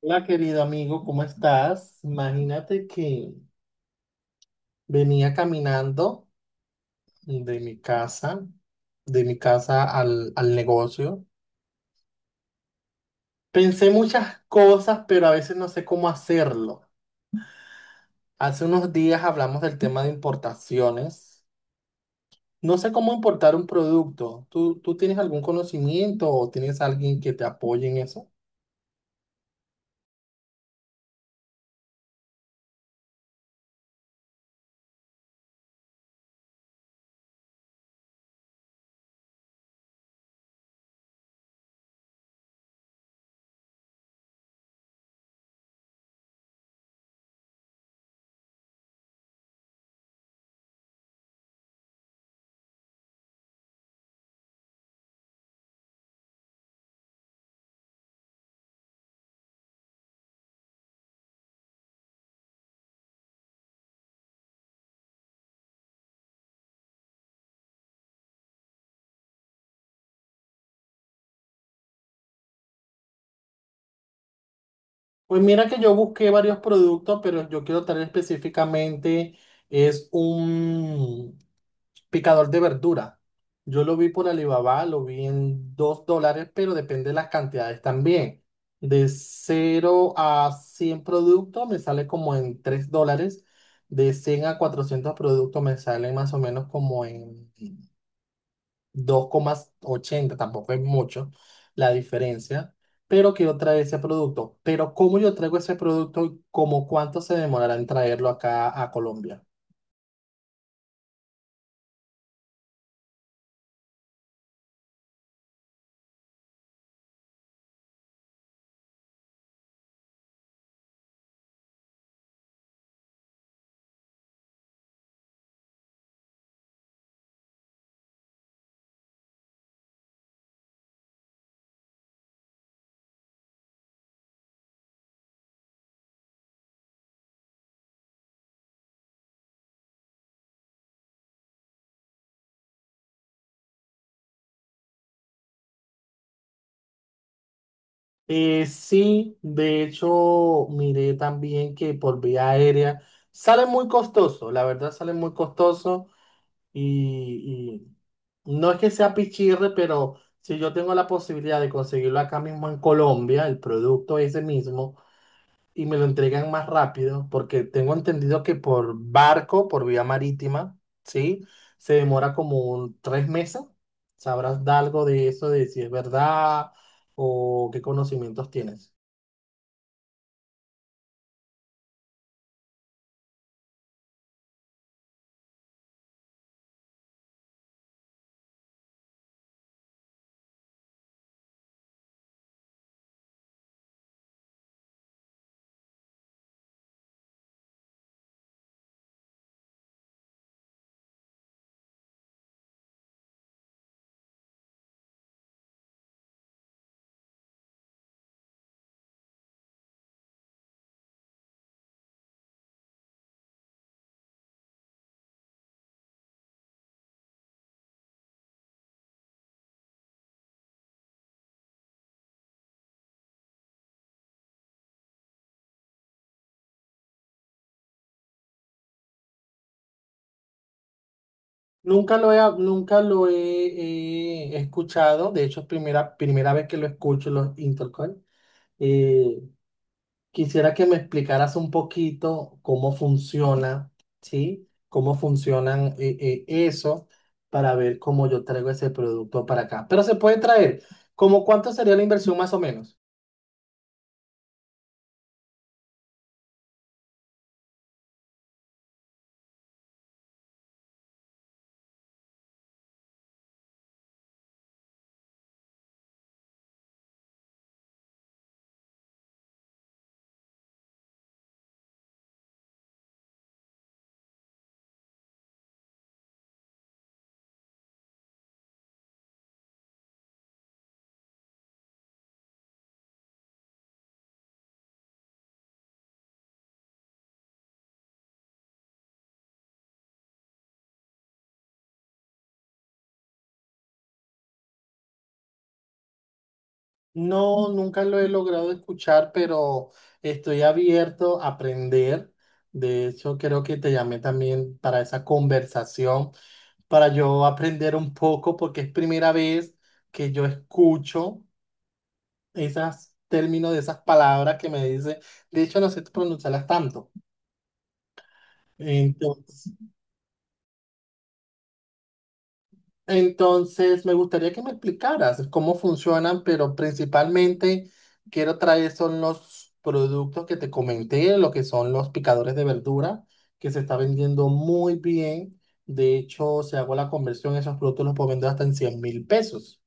Hola, querido amigo, ¿cómo estás? Imagínate que venía caminando de mi casa, al negocio. Pensé muchas cosas, pero a veces no sé cómo hacerlo. Hace unos días hablamos del tema de importaciones. No sé cómo importar un producto. ¿Tú tienes algún conocimiento o tienes alguien que te apoye en eso? Pues mira que yo busqué varios productos, pero yo quiero traer específicamente es un picador de verdura. Yo lo vi por Alibaba, lo vi en $2, pero depende de las cantidades también. De 0 a 100 productos me sale como en $3. De 100 a 400 productos me salen más o menos como en 2,80. Tampoco es mucho la diferencia. Pero quiero traer ese producto. Pero ¿cómo yo traigo ese producto y cómo cuánto se demorará en traerlo acá a Colombia? Sí, de hecho, miré también que por vía aérea sale muy costoso, la verdad sale muy costoso y, y no es que sea pichirre, pero si yo tengo la posibilidad de conseguirlo acá mismo en Colombia, el producto ese mismo, y me lo entregan más rápido, porque tengo entendido que por barco, por vía marítima, ¿sí? Se demora como 3 meses. ¿Sabrás de algo de eso, de si es verdad o qué conocimientos tienes? Nunca lo he, escuchado. De hecho es primera vez que lo escucho, los Intercoin. Eh, quisiera que me explicaras un poquito cómo funciona, ¿sí? Cómo funcionan eso para ver cómo yo traigo ese producto para acá. Pero se puede traer, ¿cómo cuánto sería la inversión más o menos? No, nunca lo he logrado escuchar, pero estoy abierto a aprender. De hecho, creo que te llamé también para esa conversación para yo aprender un poco, porque es primera vez que yo escucho esos términos de esas palabras que me dice. De hecho, no sé pronunciarlas tanto. Entonces, entonces, me gustaría que me explicaras cómo funcionan, pero principalmente quiero traer son los productos que te comenté, lo que son los picadores de verdura, que se está vendiendo muy bien. De hecho, si hago la conversión, esos productos los puedo vender hasta en 100.000 pesos.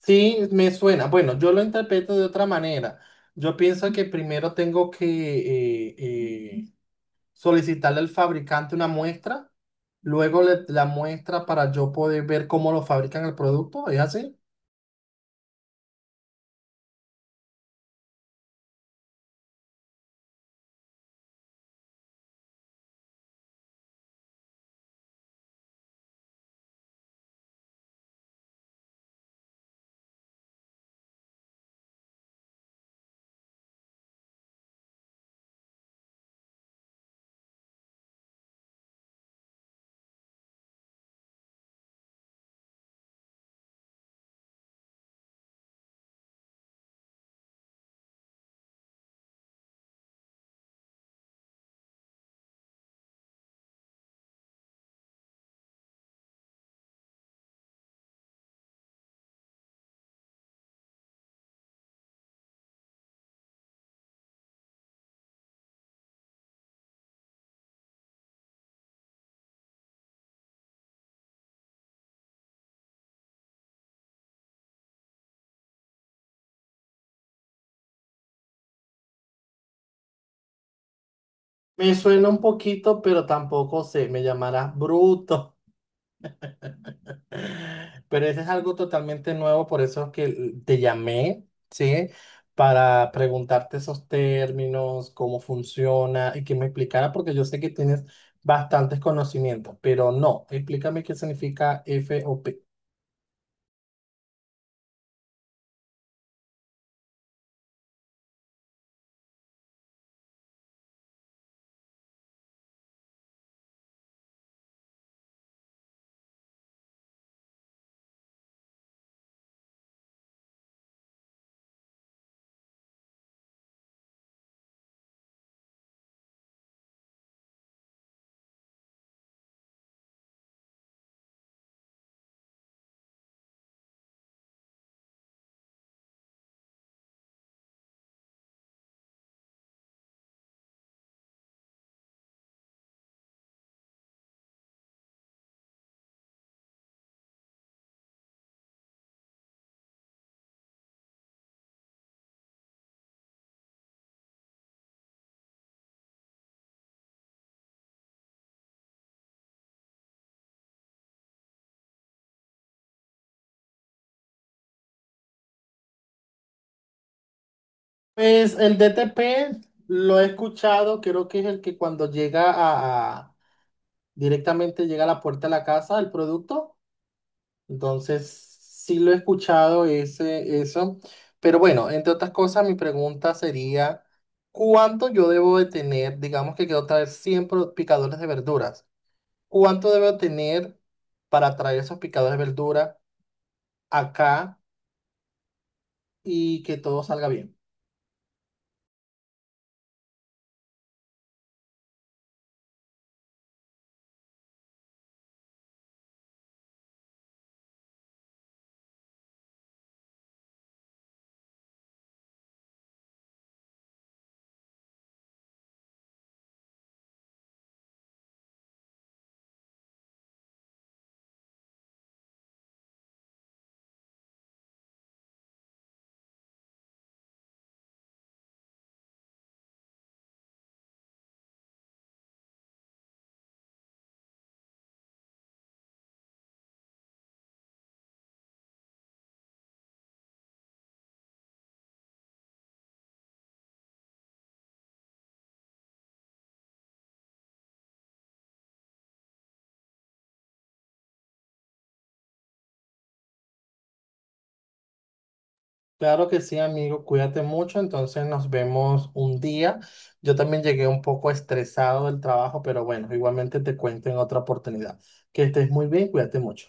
Sí, me suena. Bueno, yo lo interpreto de otra manera. Yo pienso que primero tengo que eh, solicitarle al fabricante una muestra, luego la muestra para yo poder ver cómo lo fabrican el producto, ¿es así? Me suena un poquito, pero tampoco sé, me llamarás bruto. Pero ese es algo totalmente nuevo, por eso es que te llamé, ¿sí? Para preguntarte esos términos, cómo funciona y que me explicara, porque yo sé que tienes bastantes conocimientos, pero no, explícame qué significa FOP. Pues el DTP lo he escuchado, creo que es el que cuando llega a, directamente llega a la puerta de la casa, el producto. Entonces, sí lo he escuchado ese, eso, pero bueno, entre otras cosas, mi pregunta sería, ¿cuánto yo debo de tener? Digamos que quiero traer 100 picadores de verduras. ¿Cuánto debo tener para traer esos picadores de verdura acá y que todo salga bien? Claro que sí, amigo, cuídate mucho, entonces nos vemos un día. Yo también llegué un poco estresado del trabajo, pero bueno, igualmente te cuento en otra oportunidad. Que estés muy bien, cuídate mucho.